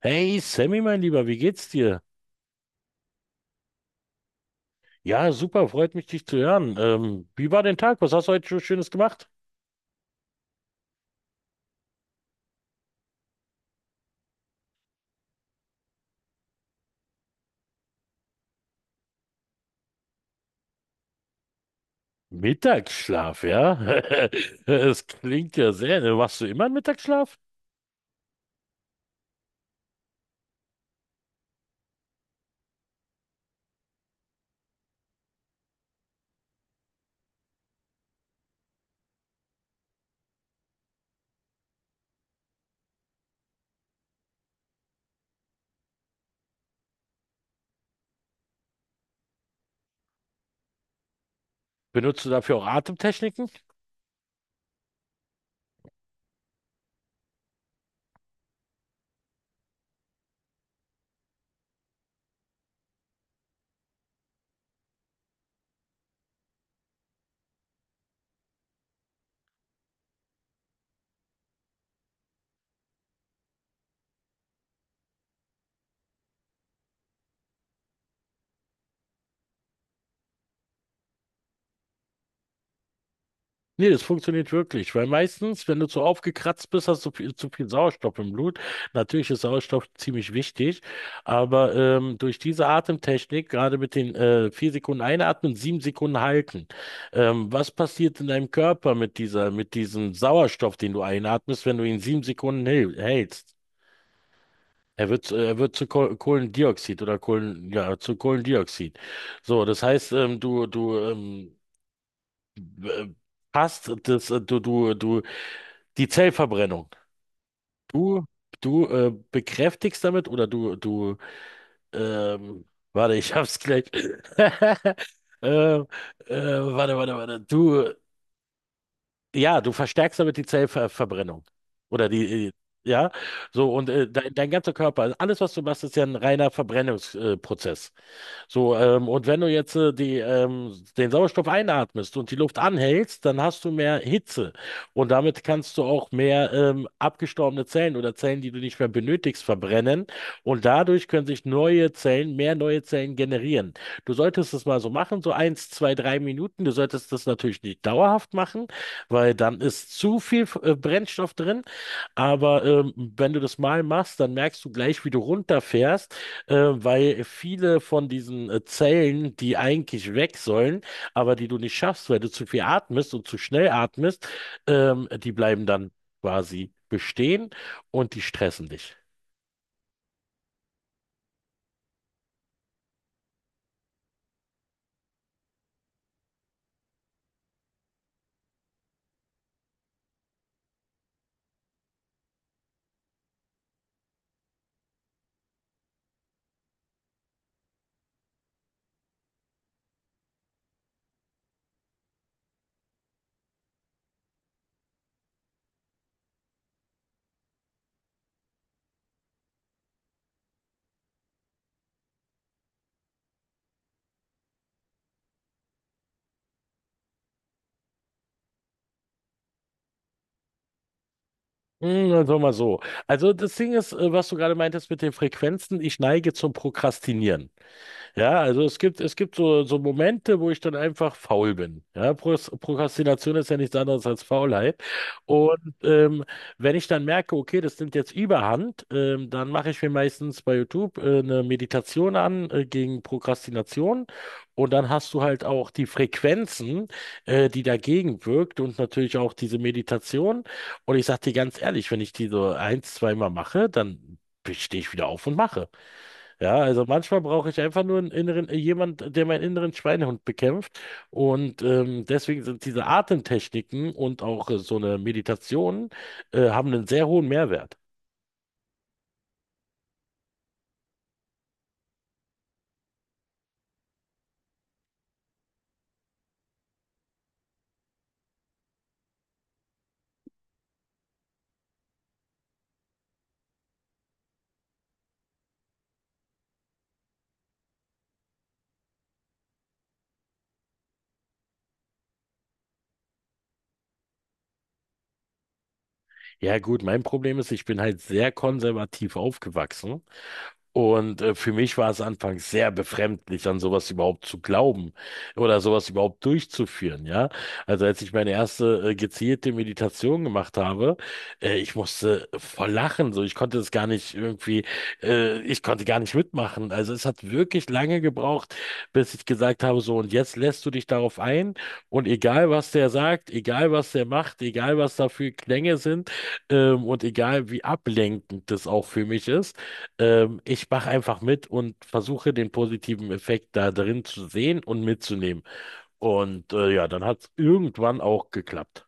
Hey Sammy, mein Lieber, wie geht's dir? Ja, super, freut mich, dich zu hören. Wie war dein Tag? Was hast du heute so Schönes gemacht? Mittagsschlaf, ja? Es klingt ja sehr, ne? Machst du immer einen Mittagsschlaf? Benutzt du dafür auch Atemtechniken? Nee, das funktioniert wirklich, weil meistens, wenn du zu aufgekratzt bist, hast du viel, zu viel Sauerstoff im Blut. Natürlich ist Sauerstoff ziemlich wichtig, aber durch diese Atemtechnik, gerade mit den 4 Sekunden einatmen, 7 Sekunden halten, was passiert in deinem Körper mit dieser, mit diesem Sauerstoff, den du einatmest, wenn du ihn 7 Sekunden hältst? Er wird zu Kohlendioxid oder ja, zu Kohlendioxid. So, das heißt, du b- passt das, du die Zellverbrennung. Du, du bekräftigst damit oder du, ähm, warte, ich hab's gleich. ähm, warte, warte, warte. Du, ja, du verstärkst damit die Zellverbrennung. Oder die, ja, so und dein ganzer Körper, also alles, was du machst, ist ja ein reiner Verbrennungsprozess. Prozess. So, und wenn du jetzt den Sauerstoff einatmest und die Luft anhältst, dann hast du mehr Hitze. Und damit kannst du auch mehr abgestorbene Zellen oder Zellen, die du nicht mehr benötigst, verbrennen. Und dadurch können sich neue Zellen, mehr neue Zellen generieren. Du solltest es mal so machen, so 1, 2, 3 Minuten. Du solltest das natürlich nicht dauerhaft machen, weil dann ist zu viel Brennstoff drin. Aber wenn du das mal machst, dann merkst du gleich, wie du runterfährst, weil viele von diesen Zellen, die eigentlich weg sollen, aber die du nicht schaffst, weil du zu viel atmest und zu schnell atmest, die bleiben dann quasi bestehen und die stressen dich. Also mal so. Also das Ding ist, was du gerade meintest mit den Frequenzen, ich neige zum Prokrastinieren. Ja, also es gibt so, so Momente, wo ich dann einfach faul bin. Ja, Prokrastination ist ja nichts anderes als Faulheit. Und wenn ich dann merke, okay, das nimmt jetzt Überhand, dann mache ich mir meistens bei YouTube eine Meditation an gegen Prokrastination. Und dann hast du halt auch die Frequenzen, die dagegen wirkt und natürlich auch diese Meditation. Und ich sag dir ganz ehrlich, wenn ich die so ein, zweimal mache, dann stehe ich wieder auf und mache. Ja, also manchmal brauche ich einfach nur einen inneren, jemand, der meinen inneren Schweinehund bekämpft. Und deswegen sind diese Atemtechniken und auch so eine Meditation haben einen sehr hohen Mehrwert. Ja gut, mein Problem ist, ich bin halt sehr konservativ aufgewachsen. Und für mich war es anfangs sehr befremdlich, an sowas überhaupt zu glauben oder sowas überhaupt durchzuführen, ja. Also als ich meine erste gezielte Meditation gemacht habe, ich musste voll lachen, so ich konnte es gar nicht irgendwie, ich konnte gar nicht mitmachen. Also es hat wirklich lange gebraucht, bis ich gesagt habe, so und jetzt lässt du dich darauf ein und egal was der sagt, egal was der macht, egal was da für Klänge sind, und egal wie ablenkend das auch für mich ist, ich mache einfach mit und versuche den positiven Effekt da drin zu sehen und mitzunehmen. Und ja, dann hat es irgendwann auch geklappt.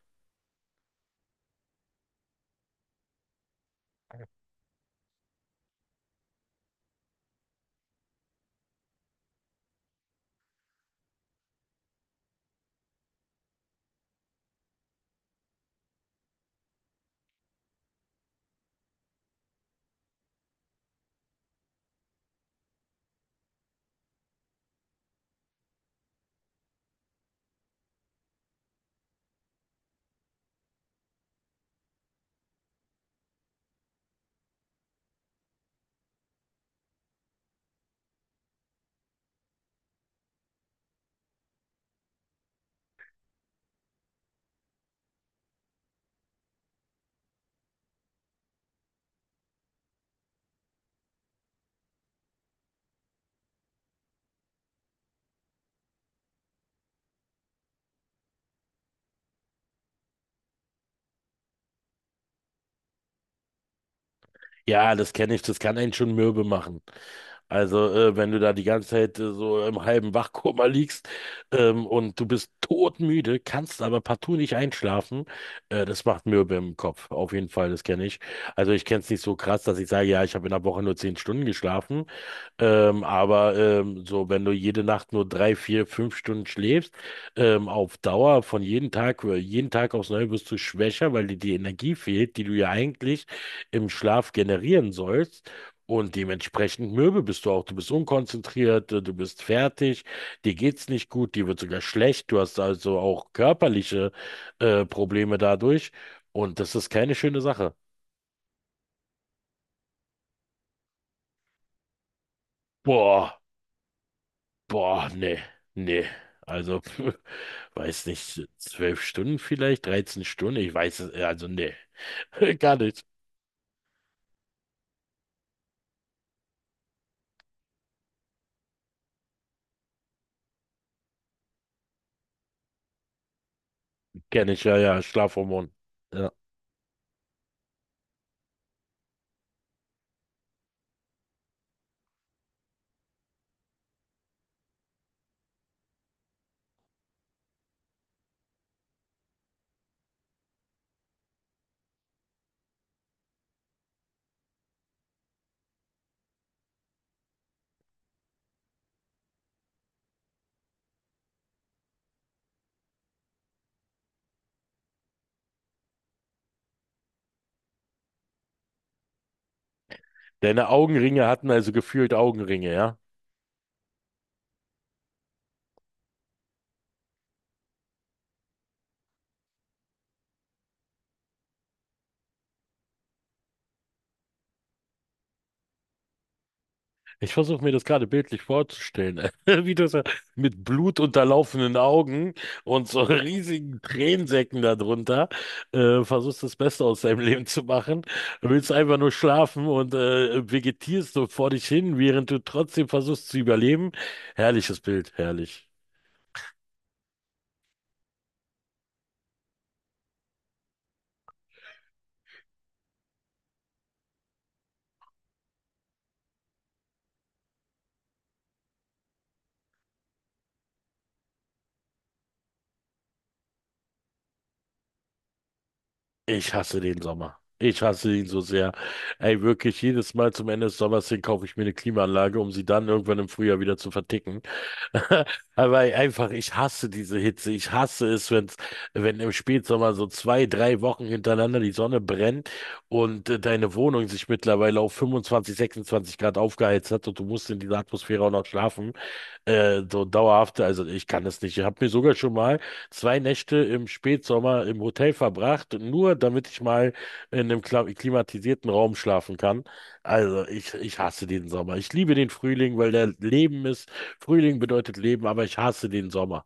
Ja, das kenne ich, das kann einen schon mürbe machen. Also, wenn du da die ganze Zeit so im halben Wachkoma liegst, und du bist todmüde, kannst aber partout nicht einschlafen, das macht mürbe im Kopf. Auf jeden Fall, das kenne ich. Also, ich kenne es nicht so krass, dass ich sage, ja, ich habe in der Woche nur 10 Stunden geschlafen. So, wenn du jede Nacht nur 3, 4, 5 Stunden schläfst, auf Dauer von jedem Tag, jeden Tag aufs Neue wirst du schwächer, weil dir die Energie fehlt, die du ja eigentlich im Schlaf generieren sollst. Und dementsprechend mürbe bist du auch. Du bist unkonzentriert, du bist fertig, dir geht's nicht gut, dir wird sogar schlecht. Du hast also auch körperliche Probleme dadurch. Und das ist keine schöne Sache. Boah. Boah, nee, nee. Also, weiß nicht, 12 Stunden vielleicht, 13 Stunden, ich weiß es, also nee. Gar nicht. Kenn ich, ja, ja, Schlafhormon. Ja. Deine Augenringe hatten also gefühlt Augenringe, ja? Ich versuche mir das gerade bildlich vorzustellen, wie du so mit Blut Augen und so riesigen Tränensäcken darunter versuchst das Beste aus deinem Leben zu machen, willst einfach nur schlafen und vegetierst so vor dich hin, während du trotzdem versuchst zu überleben. Herrliches Bild, herrlich. Ich hasse den Sommer. Ich hasse ihn so sehr. Ey, wirklich, jedes Mal zum Ende des Sommers hin kaufe ich mir eine Klimaanlage, um sie dann irgendwann im Frühjahr wieder zu verticken. Aber ey, einfach, ich hasse diese Hitze. Ich hasse es, wenn im Spätsommer so 2, 3 Wochen hintereinander die Sonne brennt und deine Wohnung sich mittlerweile auf 25, 26 Grad aufgeheizt hat und du musst in dieser Atmosphäre auch noch schlafen. Also ich kann es nicht. Ich habe mir sogar schon mal 2 Nächte im Spätsommer im Hotel verbracht, nur damit ich mal in einem klimatisierten Raum schlafen kann. Also ich hasse den Sommer. Ich liebe den Frühling, weil der Leben ist. Frühling bedeutet Leben, aber ich hasse den Sommer.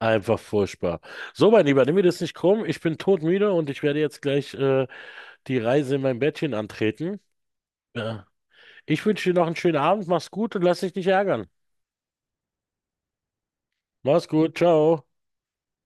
Einfach furchtbar. So, mein Lieber, nimm mir das nicht krumm. Ich bin todmüde und ich werde jetzt gleich die Reise in mein Bettchen antreten. Ja. Ich wünsche dir noch einen schönen Abend. Mach's gut und lass dich nicht ärgern. Mach's gut. Ciao.